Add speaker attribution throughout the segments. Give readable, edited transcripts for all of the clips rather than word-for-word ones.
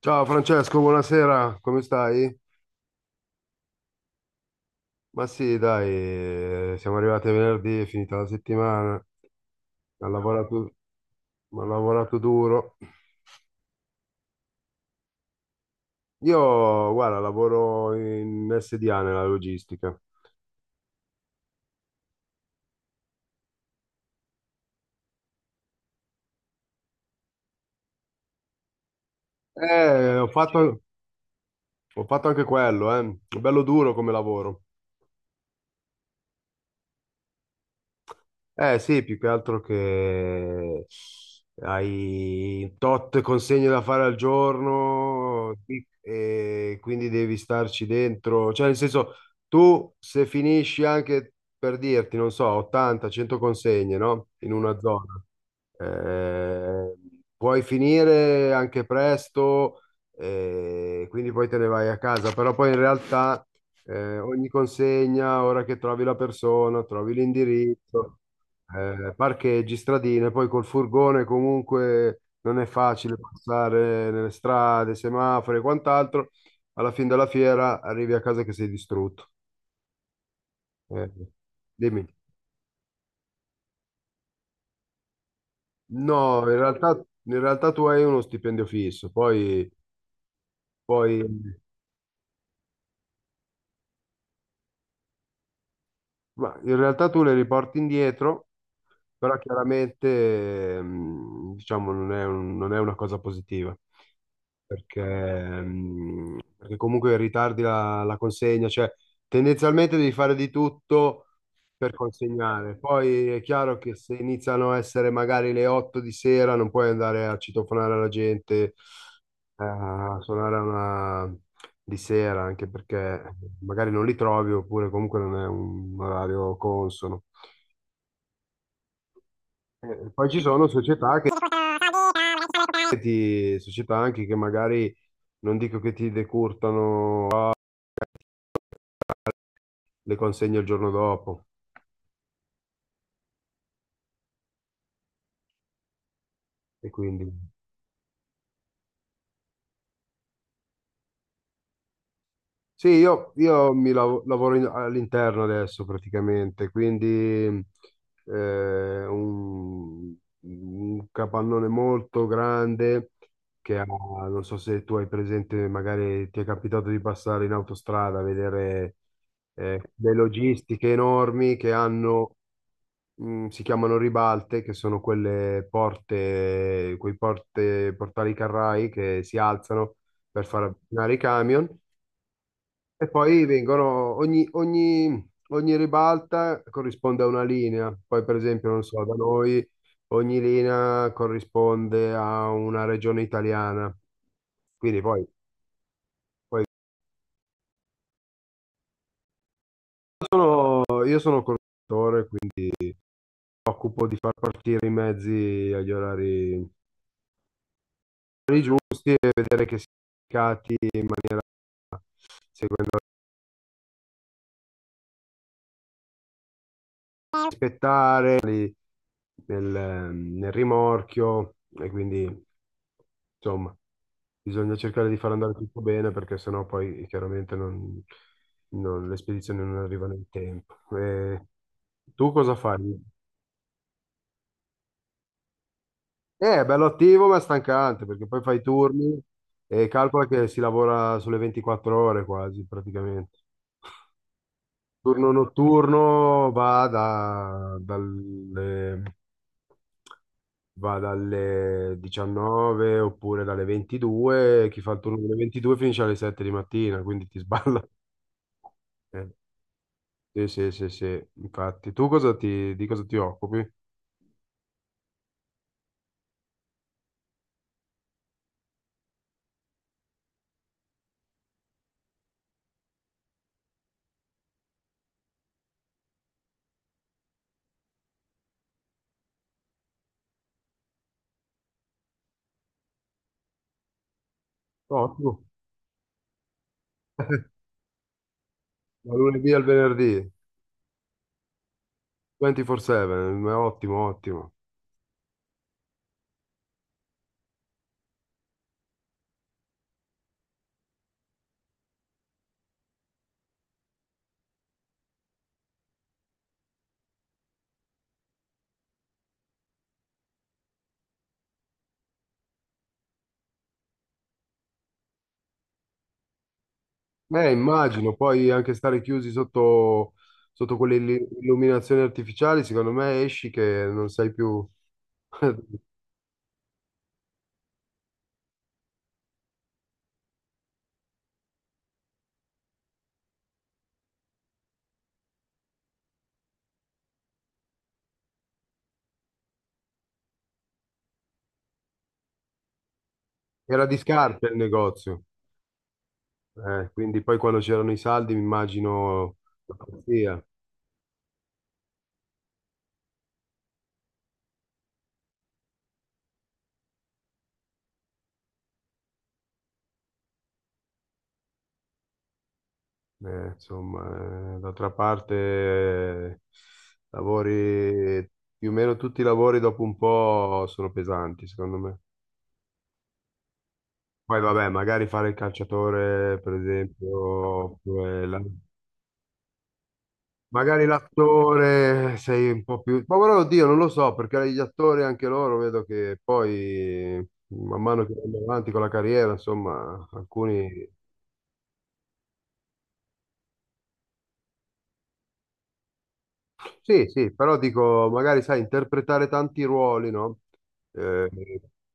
Speaker 1: Ciao Francesco, buonasera, come stai? Ma sì, dai, siamo arrivati a venerdì, è finita la settimana, ho lavorato, ho lavorato duro. Io, guarda, lavoro in SDA nella logistica. Eh, ho fatto, ho fatto anche quello, eh. Bello duro come lavoro. Eh sì, più che altro che hai tot consegne da fare al giorno sì, e quindi devi starci dentro. Cioè, nel senso, tu se finisci anche per dirti, non so, 80-100 consegne, no? In una zona. Eh, puoi finire anche presto, quindi poi te ne vai a casa, però poi in realtà ogni consegna, ora che trovi la persona, trovi l'indirizzo. Parcheggi, stradine, poi col furgone comunque non è facile passare nelle strade, semafori e quant'altro. Alla fine della fiera arrivi a casa che sei distrutto. Eh, dimmi. No, in realtà tu hai uno stipendio fisso, poi ma in realtà tu le riporti indietro, però chiaramente diciamo non è una cosa positiva, perché, perché comunque ritardi la consegna, cioè tendenzialmente devi fare di tutto per consegnare. Poi è chiaro che se iniziano a essere magari le 8 di sera non puoi andare a citofonare la gente, a suonare a una di sera, anche perché magari non li trovi oppure comunque non è un orario consono. Poi ci sono società anche che magari non dico che ti decurtano le consegne il giorno dopo. E quindi sì, io lavoro all'interno adesso praticamente, quindi eh, un, un capannone molto grande che ha, non so se tu hai presente, magari ti è capitato di passare in autostrada a vedere le logistiche enormi che hanno. Si chiamano ribalte, che sono quelle porte, portali carrai che si alzano per far avvicinare i camion, e poi vengono, ogni ribalta corrisponde a una linea. Poi, per esempio, non so, da noi ogni linea corrisponde a una regione italiana. Quindi poi io sono conduttore, quindi mi occupo di far partire i mezzi agli orari giusti e che siano indicati in maniera, seguendo, aspettare lì nel rimorchio e quindi insomma bisogna cercare di far andare tutto bene perché sennò poi chiaramente le spedizioni non arrivano in tempo. E tu cosa fai? È bello attivo ma è stancante perché poi fai i turni e calcola che si lavora sulle 24 ore quasi praticamente. Turno notturno va dalle 19 oppure dalle 22, chi fa il turno delle 22 finisce alle 7 di mattina, quindi ti sballa. Eh, Sì, sì, sì, sì, infatti. Di cosa ti occupi? Ottimo, dal lunedì al venerdì, 24/7, ottimo, ottimo. Immagino, poi anche stare chiusi sotto quelle illuminazioni artificiali, secondo me esci che non sai più. Era di scarpe il negozio. Quindi poi quando c'erano i saldi mi immagino la pazzia. Insomma, d'altra parte lavori, più o meno tutti i lavori dopo un po' sono pesanti, secondo me. Poi vabbè, magari fare il calciatore, per esempio, oppure magari l'attore sei un po' più. Ma guarda, oddio, non lo so, perché gli attori anche loro vedo che poi, man mano che vanno avanti con la carriera, insomma, alcuni. Sì, sì, però dico, magari sai, interpretare tanti ruoli, no? Eh,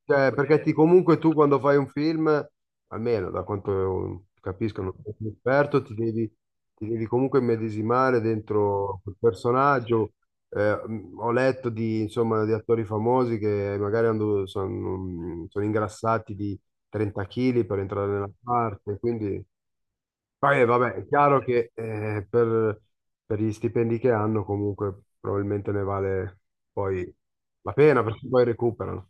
Speaker 1: cioè, perché comunque tu quando fai un film, almeno da quanto capisco, non sono un esperto, ti devi comunque immedesimare dentro quel personaggio. Ho letto insomma, di attori famosi che magari sono ingrassati di 30 kg per entrare nella parte, quindi. Poi, vabbè, è chiaro che per gli stipendi che hanno comunque probabilmente ne vale poi la pena perché poi recuperano.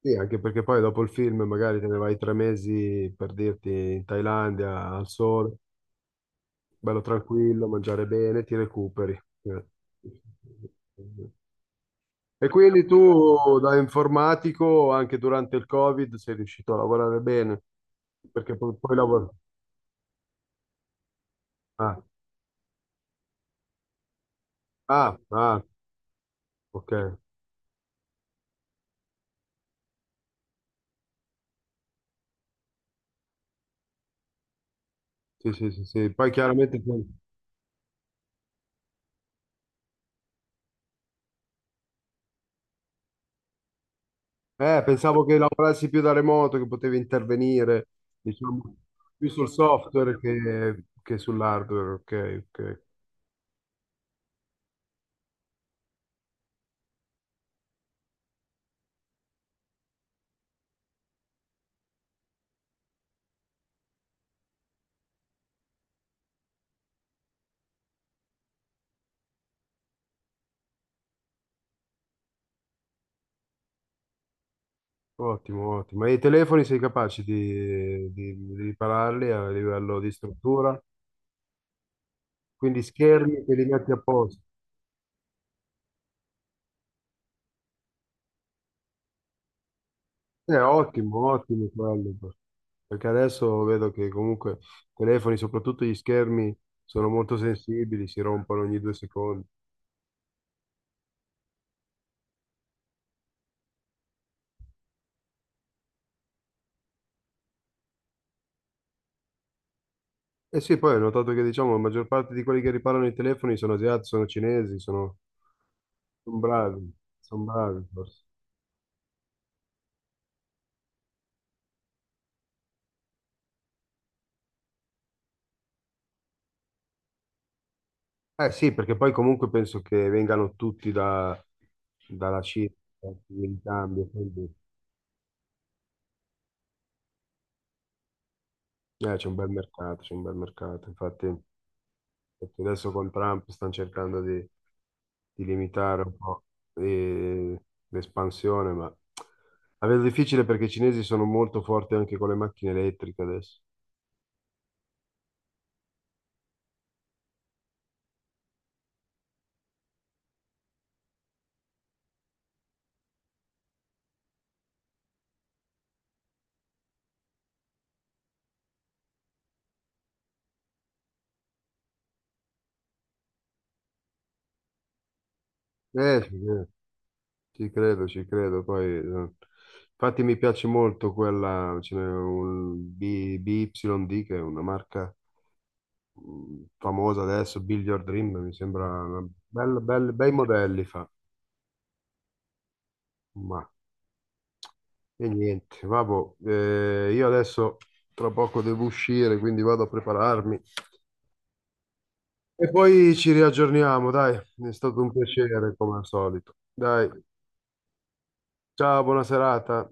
Speaker 1: Sì, anche perché poi dopo il film magari te ne vai 3 mesi per dirti in Thailandia al sole, bello tranquillo, mangiare bene, ti recuperi. Eh. E quindi tu da informatico anche durante il Covid sei riuscito a lavorare bene perché poi lavori. Ah, ah, ah, ok. Sì, sì, sì, sì. Poi chiaramente pensavo che lavorassi più da remoto, che potevi intervenire, diciamo, più sul software che sull'hardware. Ok, ok. Ottimo, ottimo. E i telefoni sei capace di ripararli a livello di struttura? Quindi schermi che li metti apposta. Ottimo, ottimo quello. Perché adesso vedo che comunque i telefoni, soprattutto gli schermi, sono molto sensibili, si rompono ogni due secondi. Eh sì, poi ho notato che diciamo la maggior parte di quelli che riparano i telefoni sono asiatici, sono cinesi, sono bravi, sono bravi forse. Eh sì, perché poi comunque penso che vengano tutti dalla Cina, in cambio, quindi c'è un bel mercato, c'è un bel mercato. Infatti adesso con Trump stanno cercando di limitare un po' eh, l'espansione, ma la vedo difficile perché i cinesi sono molto forti anche con le macchine elettriche adesso. Sì, sì. Ci credo, ci credo. Poi, infatti mi piace molto quella, ce n'è un BYD che è una marca famosa adesso, Build Your Dream, mi sembra una bei modelli fa. Ma e niente, vabbò, io adesso tra poco devo uscire, quindi vado a prepararmi e poi ci riaggiorniamo, dai. È stato un piacere come al solito. Dai, ciao, buona serata.